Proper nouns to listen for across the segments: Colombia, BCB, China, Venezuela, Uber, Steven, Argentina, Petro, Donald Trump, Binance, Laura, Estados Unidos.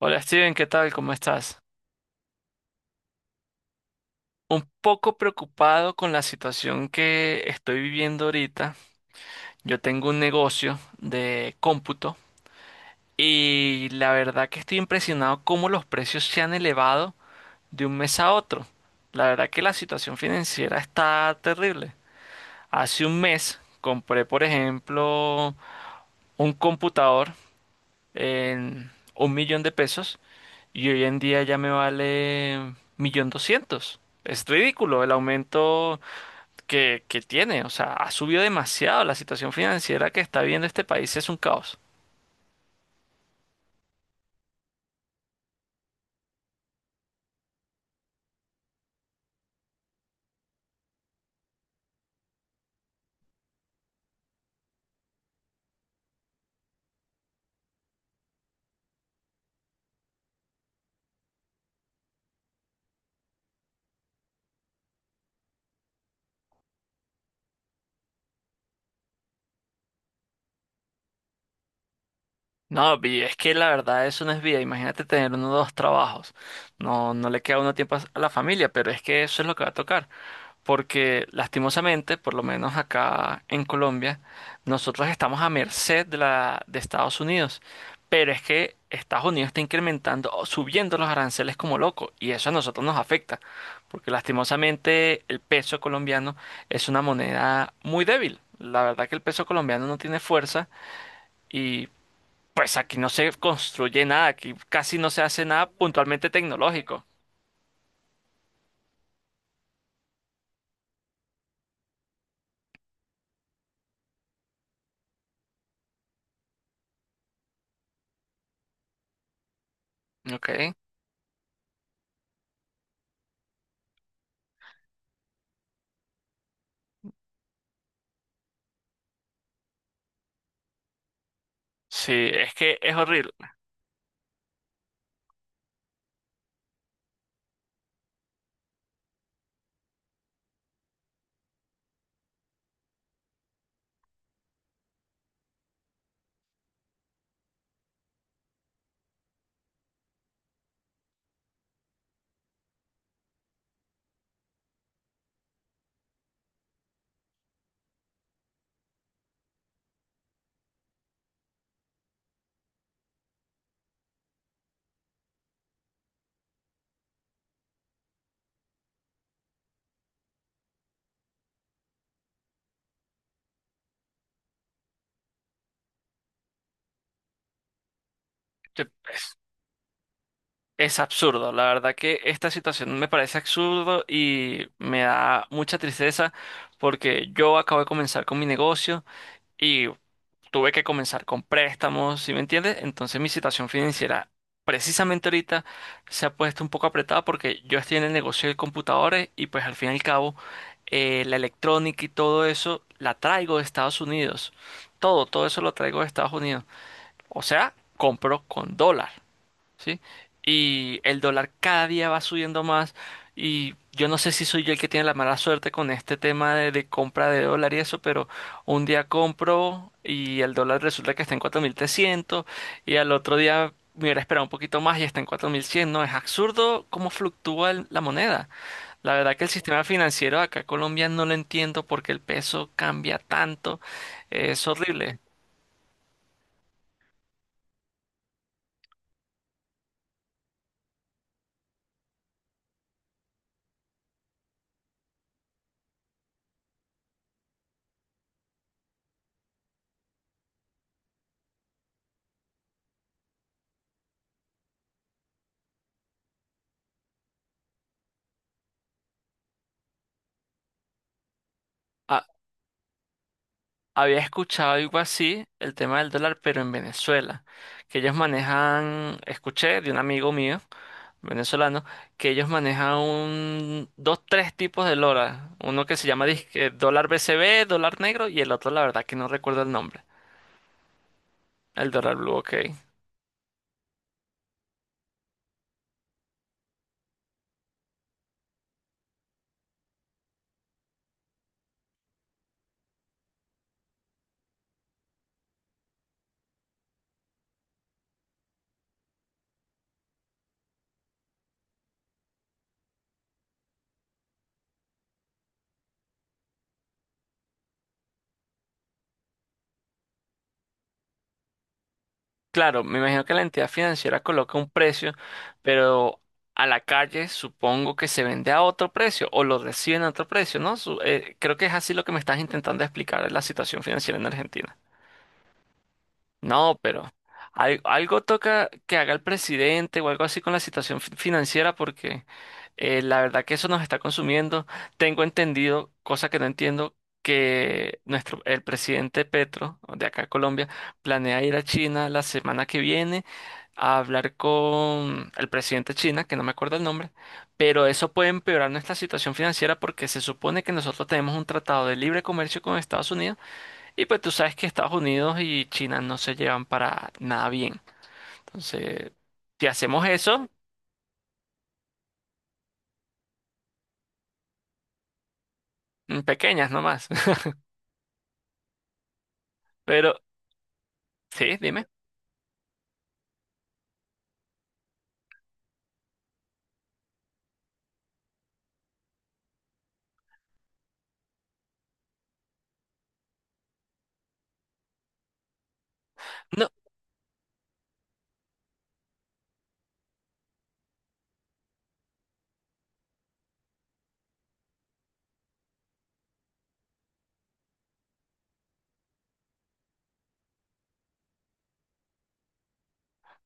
Hola Steven, ¿qué tal? ¿Cómo estás? Un poco preocupado con la situación que estoy viviendo ahorita. Yo tengo un negocio de cómputo y la verdad que estoy impresionado cómo los precios se han elevado de un mes a otro. La verdad que la situación financiera está terrible. Hace un mes compré, por ejemplo, un computador en 1.000.000 de pesos. Y hoy en día ya me vale 1.200.000. Es ridículo el aumento que tiene. O sea, ha subido demasiado. La situación financiera que está viviendo este país es un caos. No, es que la verdad eso no es vida. Imagínate tener uno o dos trabajos. No, no le queda uno tiempo a la familia, pero es que eso es lo que va a tocar. Porque lastimosamente, por lo menos acá en Colombia, nosotros estamos a merced de la de Estados Unidos, pero es que Estados Unidos está incrementando o subiendo los aranceles como loco y eso a nosotros nos afecta, porque lastimosamente el peso colombiano es una moneda muy débil. La verdad que el peso colombiano no tiene fuerza y pues aquí no se construye nada, aquí casi no se hace nada puntualmente tecnológico. Ok. Sí, es que es horrible. Te- Es absurdo, la verdad que esta situación me parece absurdo y me da mucha tristeza porque yo acabo de comenzar con mi negocio y tuve que comenzar con préstamos, ¿sí me entiendes? Entonces mi situación financiera precisamente ahorita se ha puesto un poco apretada porque yo estoy en el negocio de computadores y pues al fin y al cabo la electrónica y todo eso la traigo de Estados Unidos. Todo, todo eso lo traigo de Estados Unidos. O sea, compro con dólar. ¿Sí? Y el dólar cada día va subiendo más y yo no sé si soy yo el que tiene la mala suerte con este tema de compra de dólar y eso, pero un día compro y el dólar resulta que está en 4.300 y al otro día me hubiera esperado un poquito más y está en 4.100. No, es absurdo cómo fluctúa la moneda. La verdad que el sistema financiero acá en Colombia no lo entiendo porque el peso cambia tanto. Es horrible. Había escuchado algo así, el tema del dólar, pero en Venezuela, que ellos manejan, escuché de un amigo mío, venezolano, que ellos manejan un, dos, tres tipos de dólar. Uno que se llama disque dólar BCB, dólar negro, y el otro, la verdad que no recuerdo el nombre. El dólar blue, ok. Claro, me imagino que la entidad financiera coloca un precio, pero a la calle supongo que se vende a otro precio o lo reciben a otro precio, ¿no? Creo que es así lo que me estás intentando explicar de la situación financiera en Argentina. No, pero algo toca que haga el presidente o algo así con la situación financiera porque la verdad que eso nos está consumiendo. Tengo entendido, cosa que no entiendo, que nuestro, el presidente Petro de acá de Colombia planea ir a China la semana que viene a hablar con el presidente de China, que no me acuerdo el nombre, pero eso puede empeorar nuestra situación financiera porque se supone que nosotros tenemos un tratado de libre comercio con Estados Unidos y pues tú sabes que Estados Unidos y China no se llevan para nada bien. Entonces, si hacemos eso, pequeñas nomás. Pero, sí, dime. No,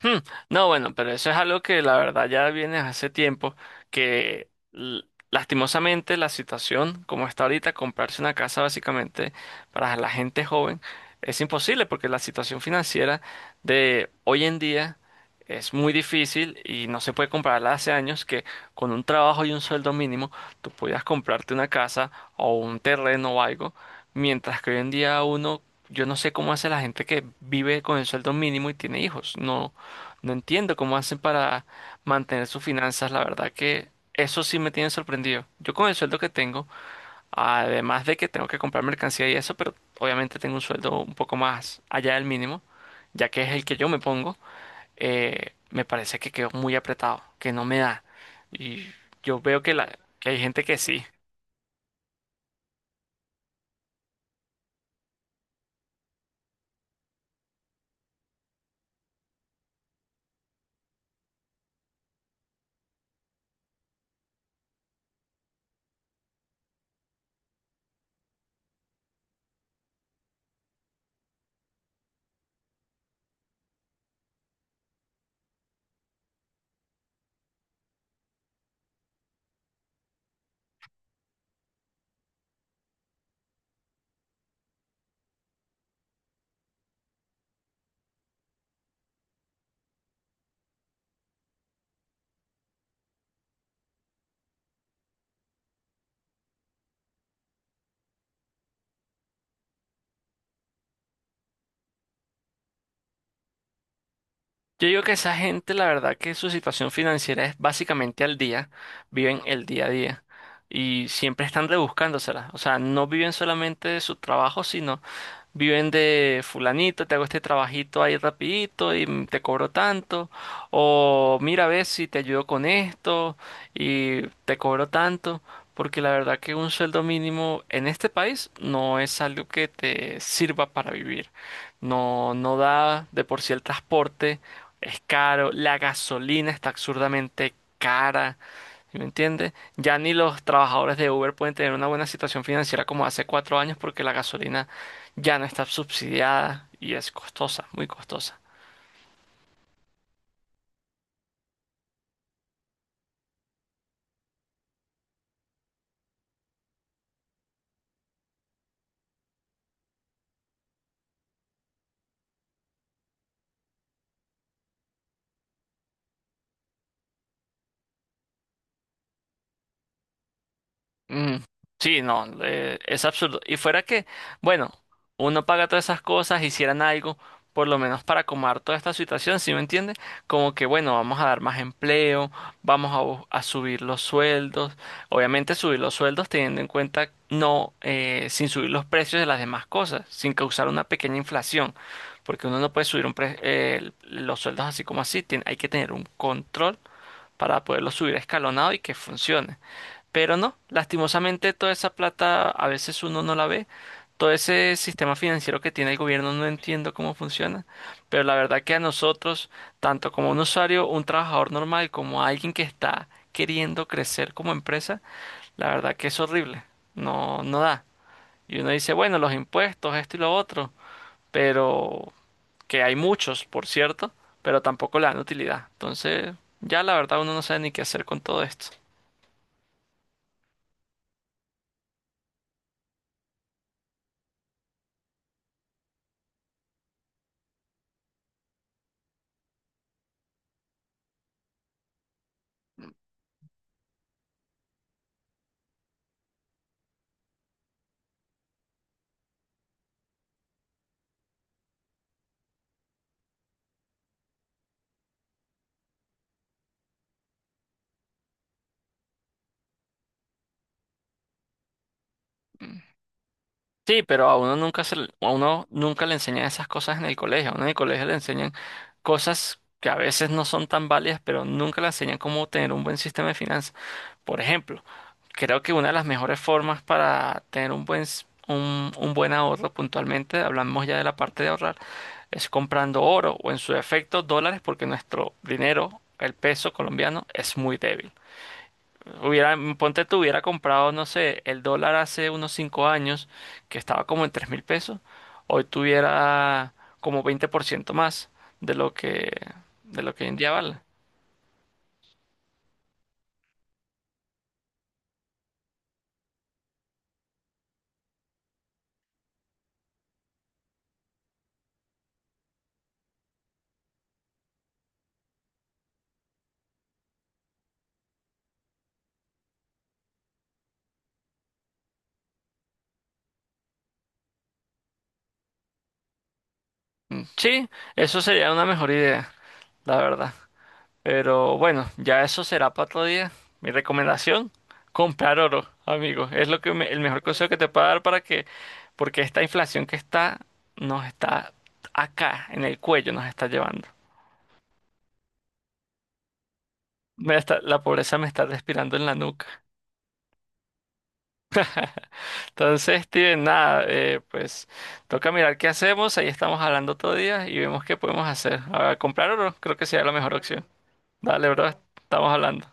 Hmm, No, bueno, pero eso es algo que la verdad ya viene hace tiempo, que lastimosamente la situación como está ahorita, comprarse una casa básicamente para la gente joven es imposible porque la situación financiera de hoy en día es muy difícil y no se puede compararla hace años que con un trabajo y un sueldo mínimo tú podías comprarte una casa o un terreno o algo, mientras que hoy en día uno, yo no sé cómo hace la gente que vive con el sueldo mínimo y tiene hijos, no. No entiendo cómo hacen para mantener sus finanzas. La verdad que eso sí me tiene sorprendido. Yo con el sueldo que tengo, además de que tengo que comprar mercancía y eso, pero obviamente tengo un sueldo un poco más allá del mínimo, ya que es el que yo me pongo, me parece que quedo muy apretado, que no me da. Y yo veo que, que hay gente que sí. Yo digo que esa gente, la verdad que su situación financiera es básicamente al día, viven el día a día y siempre están rebuscándosela. O sea, no viven solamente de su trabajo, sino viven de fulanito, te hago este trabajito ahí rapidito y te cobro tanto, o mira a ver si te ayudo con esto y te cobro tanto, porque la verdad que un sueldo mínimo en este país no es algo que te sirva para vivir. No, no da de por sí el transporte es caro, la gasolina está absurdamente cara. ¿Sí, me entiendes? Ya ni los trabajadores de Uber pueden tener una buena situación financiera como hace 4 años porque la gasolina ya no está subsidiada y es costosa, muy costosa. Mm, sí, no, es absurdo. Y fuera que, bueno, uno paga todas esas cosas, hicieran algo, por lo menos para acomodar toda esta situación, ¿sí me entiende? Como que, bueno, vamos a dar más empleo, vamos a, a subir los sueldos, obviamente subir los sueldos teniendo en cuenta, no, sin subir los precios de las demás cosas, sin causar una pequeña inflación, porque uno no puede subir un los sueldos así como así, hay que tener un control para poderlo subir escalonado y que funcione. Pero no, lastimosamente toda esa plata a veces uno no la ve. Todo ese sistema financiero que tiene el gobierno no entiendo cómo funciona, pero la verdad que a nosotros, tanto como un usuario, un trabajador normal, como alguien que está queriendo crecer como empresa, la verdad que es horrible. No, no da. Y uno dice, bueno, los impuestos, esto y lo otro, pero que hay muchos, por cierto, pero tampoco le dan utilidad. Entonces, ya la verdad uno no sabe ni qué hacer con todo esto. Sí, pero a uno nunca a uno nunca le enseñan esas cosas en el colegio. A uno en el colegio le enseñan cosas que a veces no son tan válidas, pero nunca le enseñan cómo tener un buen sistema de finanzas. Por ejemplo, creo que una de las mejores formas para tener un buen, un buen ahorro puntualmente, hablamos ya de la parte de ahorrar, es comprando oro o en su defecto dólares, porque nuestro dinero, el peso colombiano, es muy débil. Hubiera, ponte tú, hubiera comprado, no sé, el dólar hace unos 5 años, que estaba como en 3.000 pesos, hoy tuviera como 20% más de lo que, de lo que hoy en día vale. Sí, eso sería una mejor idea, la verdad. Pero bueno, ya eso será para otro día. Mi recomendación, comprar oro, amigo. Es lo que el mejor consejo que te puedo dar para que, porque esta inflación que está, nos está acá, en el cuello, nos está llevando. La pobreza me está respirando en la nuca. Entonces, Steven, nada, pues toca mirar qué hacemos. Ahí estamos hablando todo día y vemos qué podemos hacer. A comprar oro, creo que sería la mejor opción. Dale, bro, estamos hablando.